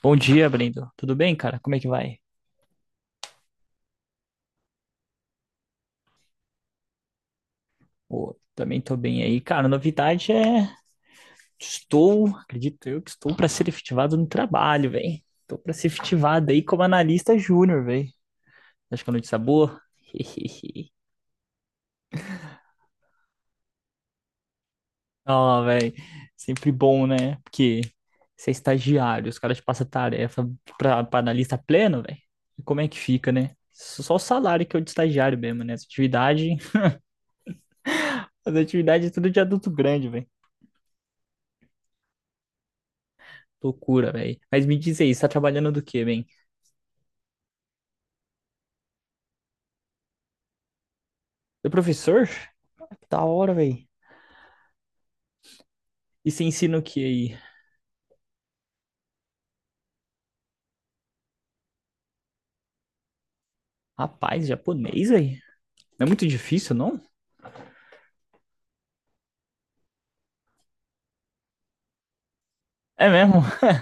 Bom dia, Brendo. Tudo bem, cara? Como é que vai? Pô, também tô bem aí. Cara, novidade é estou, acredito eu, que estou para ser efetivado no trabalho, velho. Estou para ser efetivado aí como analista júnior, velho. Acho que é notícia boa. Ó, velho, sempre bom, né? Porque você é estagiário, os caras te passam tarefa pra analista pleno, velho. E como é que fica, né? Só o salário que é o de estagiário mesmo, né? As atividades, as atividades é tudo de adulto grande, velho. Loucura, velho. Mas me diz aí, você tá trabalhando do quê, bem? Do professor? Ah, que da hora, velho. E você ensina o que aí? Rapaz, japonês aí? Não é muito difícil, não? É mesmo?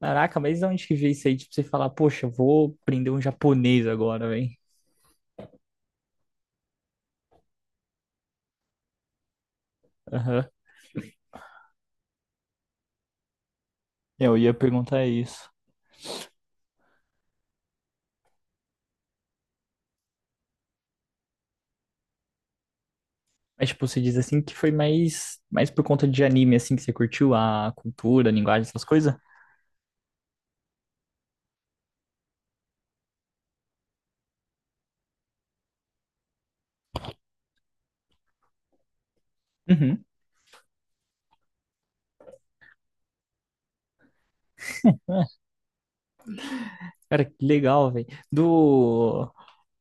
Caraca, mas de onde que veio isso aí? Tipo, você falar, poxa, eu vou aprender um japonês agora, velho. Aham. Eu ia perguntar isso. Mas, tipo, você diz assim que foi mais por conta de anime, assim, que você curtiu a cultura, a linguagem, essas coisas? Uhum. Cara, que legal, velho. Do...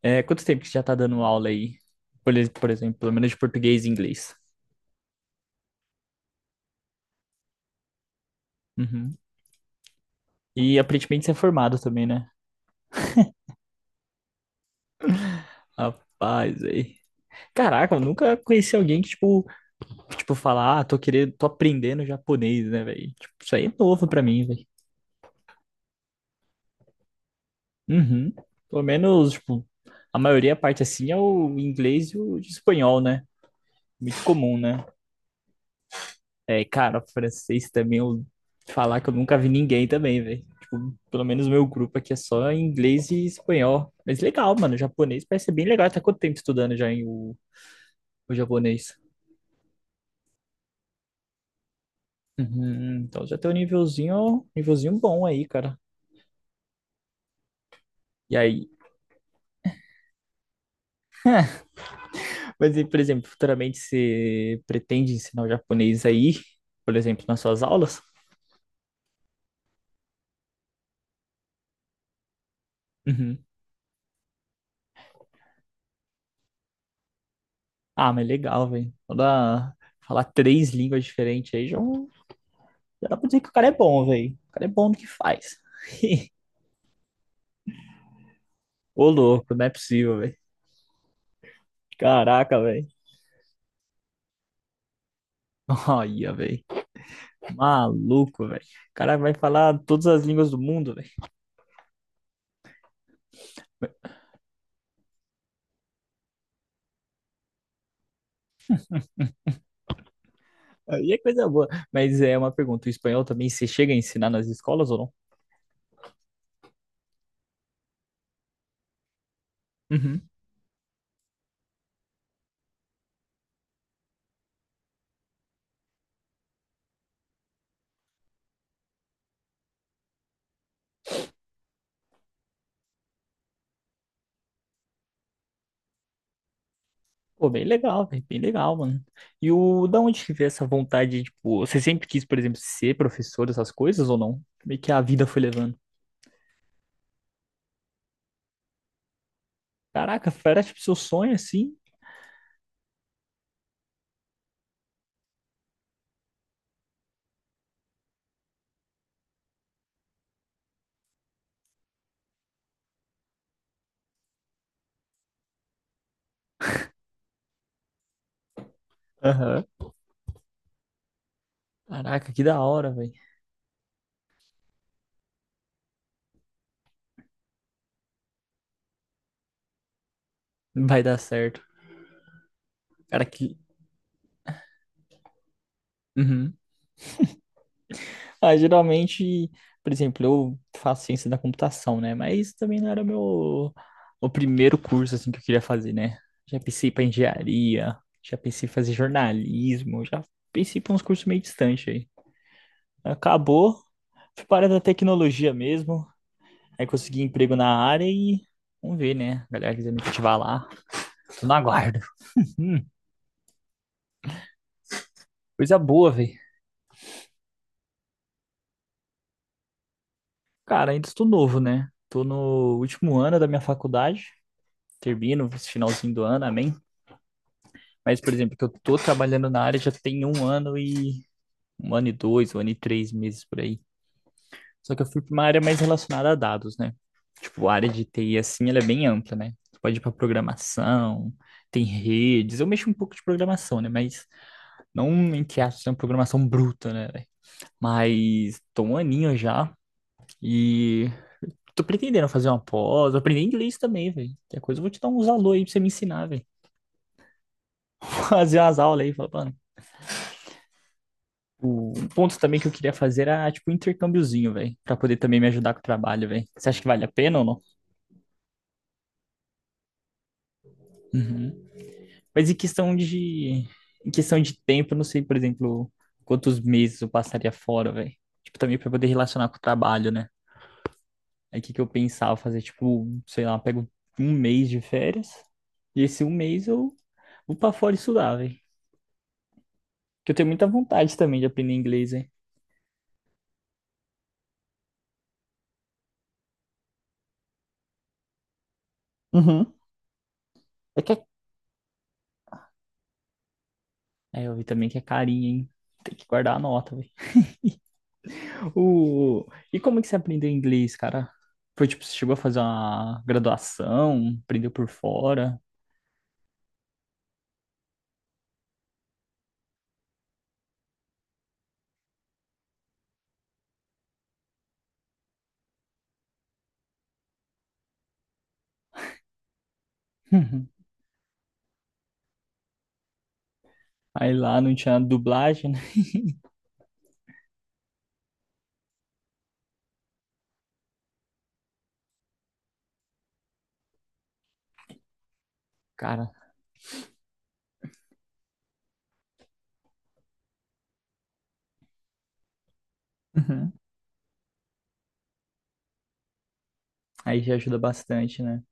É, quanto tempo que você já tá dando aula aí? Por, por exemplo, pelo menos de português e inglês. Uhum. E aparentemente você é formado também, né? Rapaz, aí. Caraca, eu nunca conheci alguém que, tipo, falar, ah, tô querendo, tô aprendendo japonês, né, velho? Tipo, isso aí é novo pra mim, velho. Uhum. Pelo menos, tipo, a maioria, a parte assim, é o inglês e o espanhol, né? Muito comum, né? É, cara, francês também, eu falar que eu nunca vi ninguém também, velho. Tipo, pelo menos o meu grupo aqui é só inglês e espanhol. Mas legal, mano, japonês parece ser bem legal. Tá quanto tempo estudando o japonês? Uhum, então já tem um nívelzinho bom aí, cara. E aí? Mas, e, por exemplo, futuramente você pretende ensinar o japonês aí, por exemplo, nas suas aulas? Uhum. Ah, mas legal, velho. Falar três línguas diferentes aí já dá pra dizer que o cara é bom, velho. O cara é bom no que faz. Ô, louco, não é possível, velho. Caraca, velho. Olha, velho. Maluco, velho. O cara vai falar todas as línguas do mundo, velho. Aí é coisa boa. Mas é uma pergunta: o espanhol também você chega a ensinar nas escolas ou não? Uhum. Pô, bem legal, velho. Bem legal, mano. E o da onde que veio essa vontade, tipo, você sempre quis, por exemplo, ser professor, essas coisas ou não? Meio que a vida foi levando. Caraca, era tipo seu sonho assim? Aham. Caraca, que da hora, velho. Vai dar certo. Cara, que. Uhum. Ah, geralmente, por exemplo, eu faço ciência da computação, né? Mas isso também não era meu o primeiro curso assim que eu queria fazer, né? Já pensei para engenharia, já pensei em fazer jornalismo, já pensei para uns cursos meio distantes aí. Acabou, fui para a área da tecnologia mesmo, aí consegui emprego na área e vamos ver, né? A galera quiser me ativar lá, tô no aguardo. Hum, coisa boa, velho. Cara, ainda estou novo, né? Tô no último ano da minha faculdade, termino esse finalzinho do ano, amém. Mas, por exemplo, que eu tô trabalhando na área já tem um ano e dois, um ano e três meses por aí. Só que eu fui para uma área mais relacionada a dados, né? Tipo, a área de TI assim, ela é bem ampla, né? Tu pode ir para programação, tem redes. Eu mexo um pouco de programação, né? Mas não entre aspas, é uma programação bruta, né, velho? Mas tô um aninho já e tô pretendendo fazer uma pós, aprender inglês também, velho. Que é coisa eu vou te dar uns alô aí pra você me ensinar, velho. Fazer umas aulas aí, falar, mano, o um ponto também que eu queria fazer era, tipo, um intercâmbiozinho, velho, pra poder também me ajudar com o trabalho, velho. Você acha que vale a pena ou não? Uhum. Mas em questão de tempo, eu não sei, por exemplo, quantos meses eu passaria fora, velho. Tipo, também pra poder relacionar com o trabalho, né? Aí o que que eu pensava fazer, tipo, sei lá, eu pego um mês de férias e esse um mês eu vou pra fora estudar, velho. Que eu tenho muita vontade também de aprender inglês, velho. Uhum. É que é É, eu vi também que é carinho, hein? Tem que guardar a nota, velho. O... E como que você aprendeu inglês, cara? Foi tipo, você chegou a fazer uma graduação, aprendeu por fora. Aí lá não tinha dublagem, né? Cara, uhum, aí já ajuda bastante, né?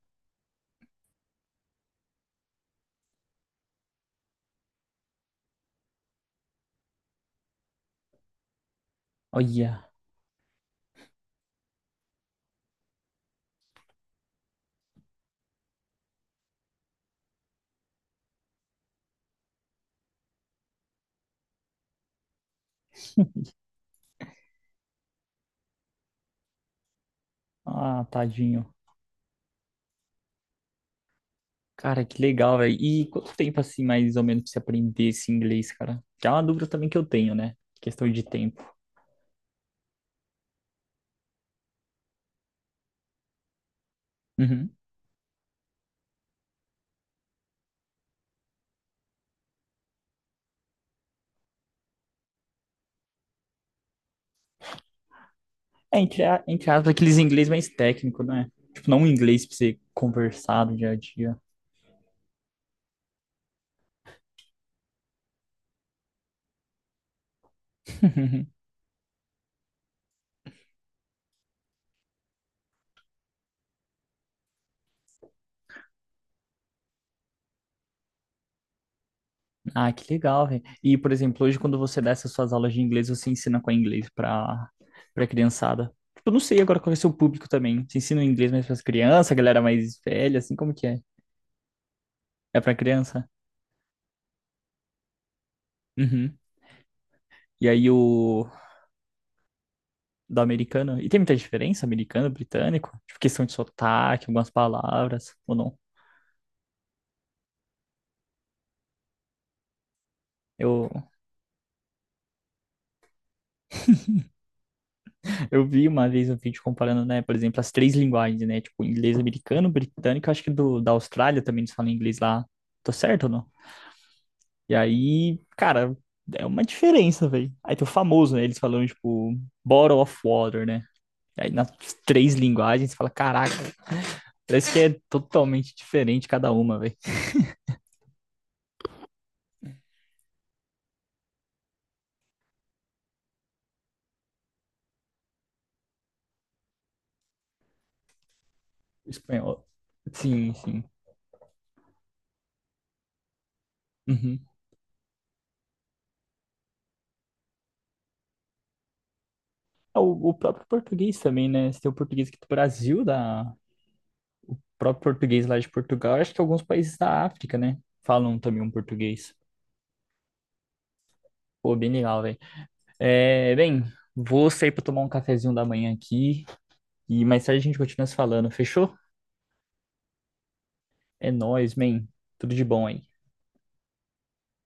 Olha, ah, tadinho. Cara, que legal, velho. E quanto tempo, assim, mais ou menos, pra você aprender esse inglês, cara? Que é uma dúvida também que eu tenho, né? Questão de tempo. Uhum. É, entre, entre aspas, aqueles inglês mais técnico, né? Tipo, não um inglês pra você conversar no dia a dia. Ah, que legal, velho. E, por exemplo, hoje quando você dá essas suas aulas de inglês, você ensina qual inglês para criançada? Tipo, eu não sei agora qual é o seu público também. Você ensina o inglês mais para as crianças, a galera mais velha, assim, como que é? É para criança? Uhum. E aí o do americano? E tem muita diferença americano, britânico? Tipo, questão de sotaque, algumas palavras, ou não? Eu, eu vi uma vez um vídeo comparando, né, por exemplo, as três linguagens, né? Tipo, inglês americano, britânico, acho que da Austrália também eles falam inglês lá. Tô certo ou não? E aí, cara, é uma diferença, velho. Aí tem o famoso, né? Eles falam, tipo, Bottle of Water, né? Aí nas três linguagens, você fala, caraca, parece que é totalmente diferente cada uma, velho. O espanhol. Sim, sim. Uhum. É, o próprio português também, né? Você tem o português aqui do Brasil, da o próprio português lá de Portugal, acho que alguns países da África, né? Falam também um português. Pô, bem legal, velho. É, bem, vou sair pra tomar um cafezinho da manhã aqui e mais tarde a gente continua se falando, fechou? É nóis, man. Tudo de bom aí.